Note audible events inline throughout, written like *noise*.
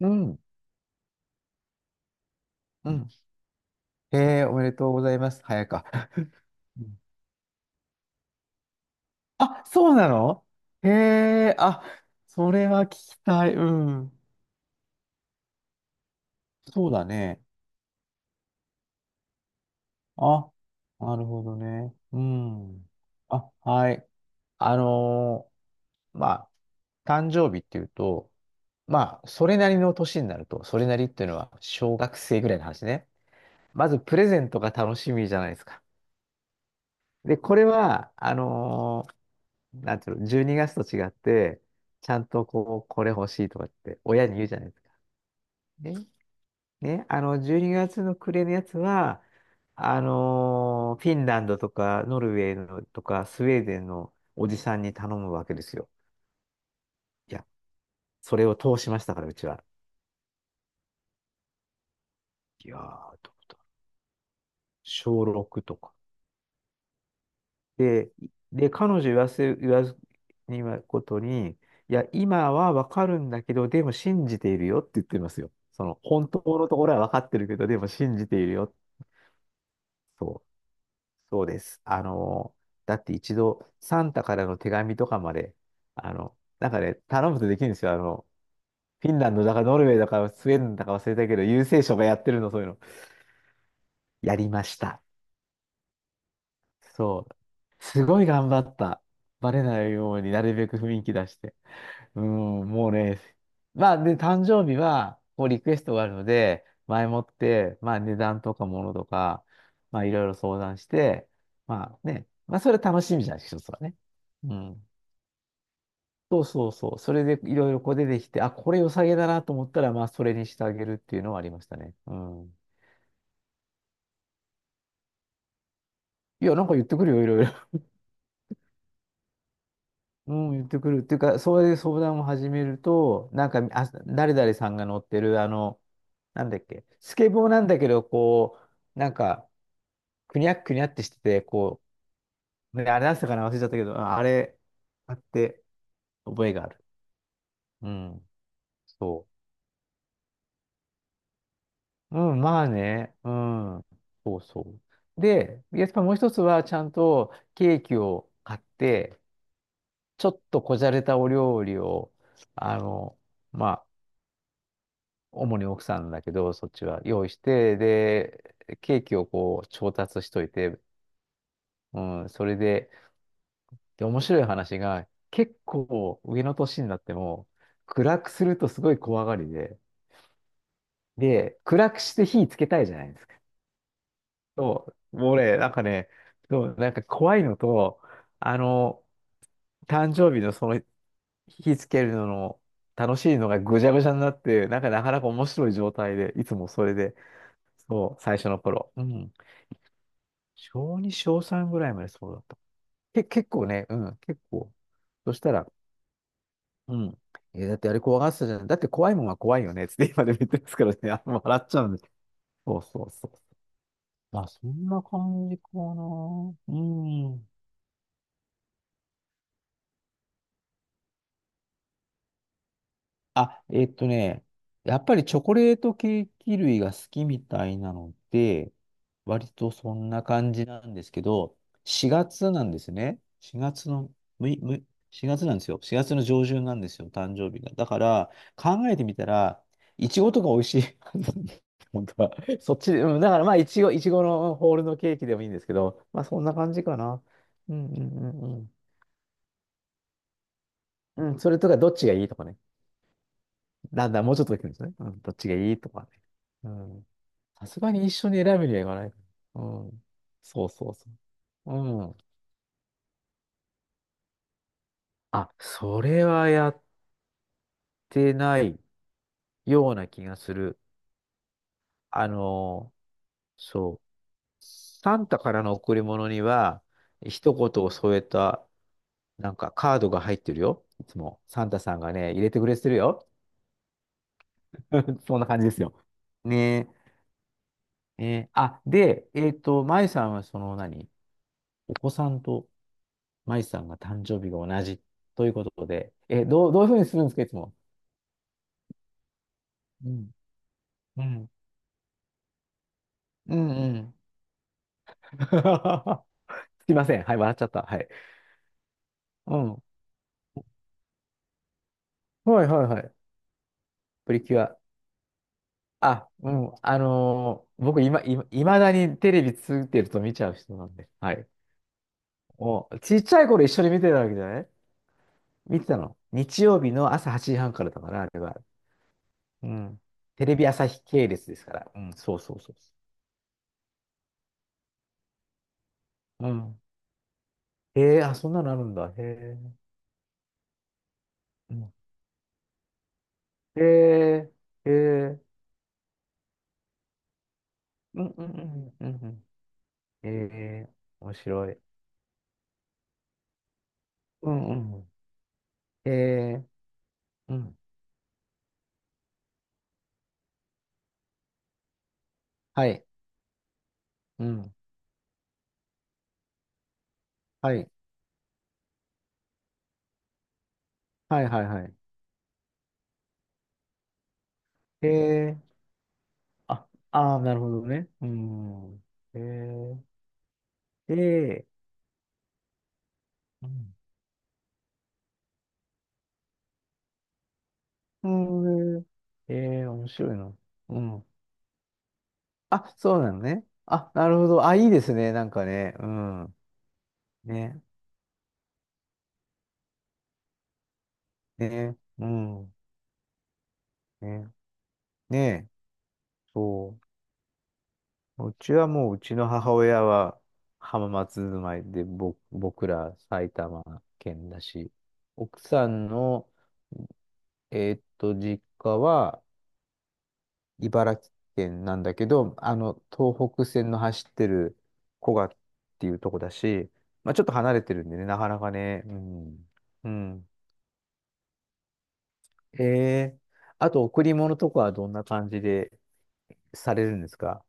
うん、うん。へえ、おめでとうございます。早か。*laughs* うん。あ、そうなの。へえ、あ、それは聞きたい。うん。そうだね。あ、なるほどね。うん。あ、はい。あのまあ、誕生日っていうと、まあ、それなりの年になると、それなりっていうのは小学生ぐらいの話ね。まず、プレゼントが楽しみじゃないですか。で、これは、なんていうの、12月と違って、ちゃんとこう、これ欲しいとかって、親に言うじゃないですか。ね、ね、12月の暮れのやつは、フィンランドとか、ノルウェーのとか、スウェーデンのおじさんに頼むわけですよ。いや、それを通しましたから、うちは。いやー、小6とか。で、彼女言わずにはことに、いや、今はわかるんだけど、でも信じているよって言ってますよ。その、本当のところはわかってるけど、でも信じているよ。そう、そうです。だって一度、サンタからの手紙とかまで、なんかね、頼むとできるんですよ。フィンランドだか、ノルウェーだか、スウェーデンだか忘れたけど、郵政省がやってるの、そういうの。やりました。そう。すごい頑張った。バレないようになるべく雰囲気出して。うん、もうね、まあ、で、誕生日は、こう、リクエストがあるので、前もって、まあ、値段とかものとか、まあ、いろいろ相談して、まあね、まあ、それ楽しみじゃん、一つはね。うん。そうそうそう。それでいろいろこう出てきて、あ、これ良さげだなと思ったら、まあ、それにしてあげるっていうのはありましたね。うん。いや、なんか言ってくるよ、いろいろ。うん、言ってくる。っていうか、そういう相談を始めると、なんか、あ、誰々さんが乗ってる、なんだっけ、スケボーなんだけど、こう、なんか、くにゃっくにゃってしてて、こう、ねあれだったかな、忘れちゃったけど、ああれ、あって覚えがある。うん、そう。うん、まあね、うん、そうそう。で、やっぱもう一つは、ちゃんとケーキを買って、ちょっとこじゃれたお料理を、あの、まあ、主に奥さんだけど、そっちは用意して、で、ケーキをこう調達しといて、うん、それで、で、面白い話が、結構上の年になっても、暗くするとすごい怖がりで、で、暗くして火つけたいじゃないですか。そう、もうね、なんかね、そう、なんか怖いのと、あの、誕生日のその火つけるのの楽しいのがぐちゃぐちゃになって、なんかなかなか面白い状態で、いつもそれで、そう、最初の頃。うん。小2、小3ぐらいまでそうだった。結構ね、うん、結構。そしたら、うん。だってあれ怖がってたじゃん。だって怖いもんは怖いよね。つって今でも言ってますからね。*laughs* 笑っちゃうんで。そうそうそう。まあ、そんな感じかな。うん。あ、やっぱりチョコレートケーキ類が好きみたいなので、割とそんな感じなんですけど、4月なんですね。4月の、むい、むい、月なんですよ。4月の上旬なんですよ、誕生日が。だから、考えてみたら、いちごとか美味しいはず *laughs* なんです。本当は。そっちで、うん、だからまあ、いちごのホールのケーキでもいいんですけど、まあ、そんな感じかな。うん、うん、うん、うん。うん、それとかどっちがいいとかね。だんだんもうちょっとできるんですね。うん、どっちがいいとかね。うん。さすがに一緒に選ぶにはいかない。うん。そうそうそう。うん。あ、それはやってないような気がする。あのそう。サンタからの贈り物には、一言を添えた、なんかカードが入ってるよ。いつも。サンタさんがね、入れてくれてるよ。*laughs* そんな感じですよ。ねえ。あ、で、まゆさんはその何お子さんとマイさんが誕生日が同じということで、え、どういうふうにするんですか、いつも。うん。うん。うん、うん。*laughs* すいません。はい、笑っちゃった。はい。うん。はい、はい、はい。プリキュア。あ、うん。僕今、いまだにテレビついてると見ちゃう人なんで。はい。お、ちっちゃい頃一緒に見てたわけじゃない見てたの。日曜日の朝8時半からだから、あれは。うん。テレビ朝日系列ですから。うん、そうそうそうそう。うん。へえ、あ、そんなのあるんだ。へえ。うん、ええ、ええ、うん、うん、うん、うん、うん、うん。ええ、面白い。うん、うん。ええ、うん。はい。うん。はい。はい、はい、はい。えーあ、あーなるほどね。うん。ええ、で、うん。うん、えー面白いな。うん。あ、そうなのね。あ、なるほど。あ、いいですね。なんかね。うん。ね。ね。うん。ね。ね。そう。うちはもう、うちの母親は浜松住まいで、僕ら埼玉県だし、奥さんの、実家は茨城県なんだけど、東北線の走ってる古河っていうとこだし、まあ、ちょっと離れてるんでね、なかなかね、うん。うん。ええ、あと、贈り物とかはどんな感じでされるんですか。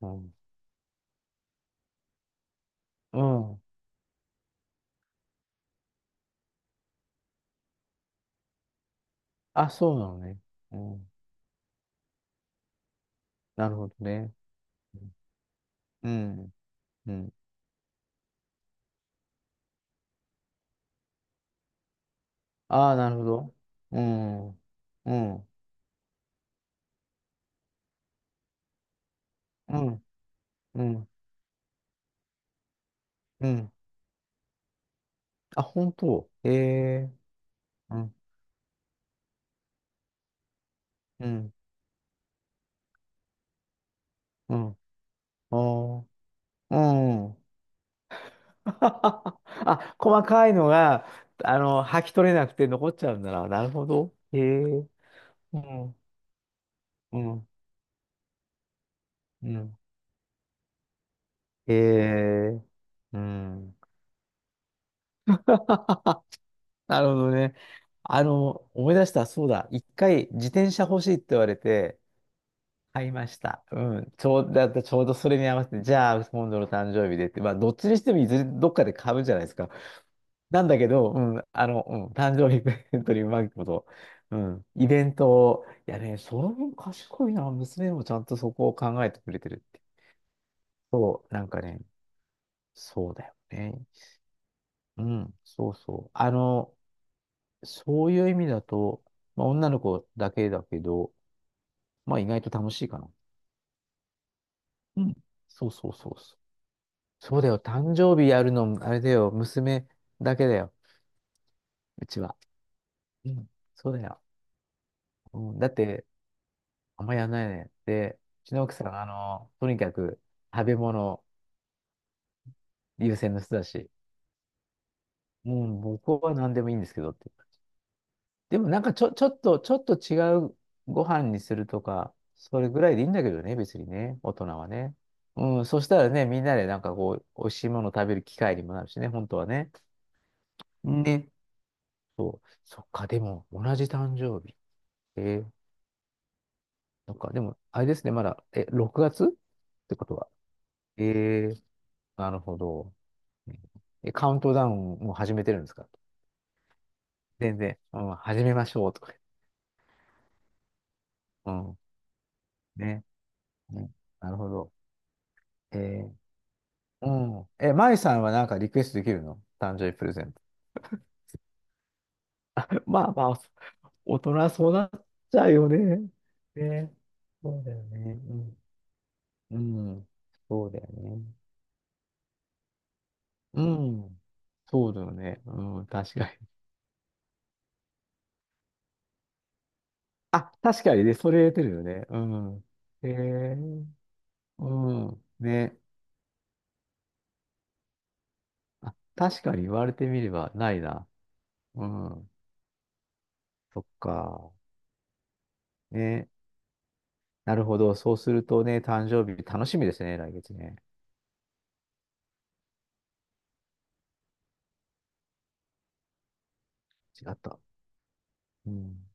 うん。うん。あ、そうなのね。うん。なるほどね。うん。うん。ああ、なるほど。うん。うん。うん。うん。うん。あ、本当。ええ。うん。うん。うん。ああ。うん。*laughs* あ、細かいのが、剥き取れなくて残っちゃうんだな。なるほど。へえ。うん。うん。うん。へえ。うん。*laughs* なるほどね。思い出した、そうだ。一回自転車欲しいって言われて、買いました。うん。ちょう、だってちょうどそれに合わせて、じゃあ、今度の誕生日でって、まあ、どっちにしてもいずれどっかで買うじゃないですか。なんだけど、うん、うん、誕生日プレゼントにうまいこと、うん、イベントを、いやね、その分賢いな、娘もちゃんとそこを考えてくれてるって。そう、なんかね、そうだよね。うん、そうそう。そういう意味だと、まあ、女の子だけだけど、まあ、意外と楽しいかな。うん、そうそうそうそう。そうだよ。誕生日やるの、あれだよ。娘だけだよ。うちは。うん。そうだよ。うん、だって、あんまやんないね。で、うちの奥さんは、とにかく食べ物優先の人だし、うん、僕は何でもいいんですけどって。でもなんかちょっと違うご飯にするとか、それぐらいでいいんだけどね、別にね、大人はね。うん、そしたらね、みんなでなんかこう、美味しいもの食べる機会にもなるしね、本当はね。ね。そう。そっか、でも、同じ誕生日。えーなんか、でも、あれですね、まだ、え、6月ってことは。えー、なるほど。え、カウントダウンもう始めてるんですか。全然。うん、始めましょうとか。うん。ね。ね。なるほど。えー、うん。え、マイさんはなんかリクエストできるの誕生日プレゼント。*laughs* まあまあ、大人はそうなっちゃうよね。ね。そうだよね。うん。うん。そうだよね。うん。そうだよね。うん。確かに。あ、確かにね、それ出てるよね。うん。へえ、うん。ね。あ、確かに言われてみればないな。うん。そっか。ね。なるほど。そうするとね、誕生日楽しみですね、来月ね。違った。うん。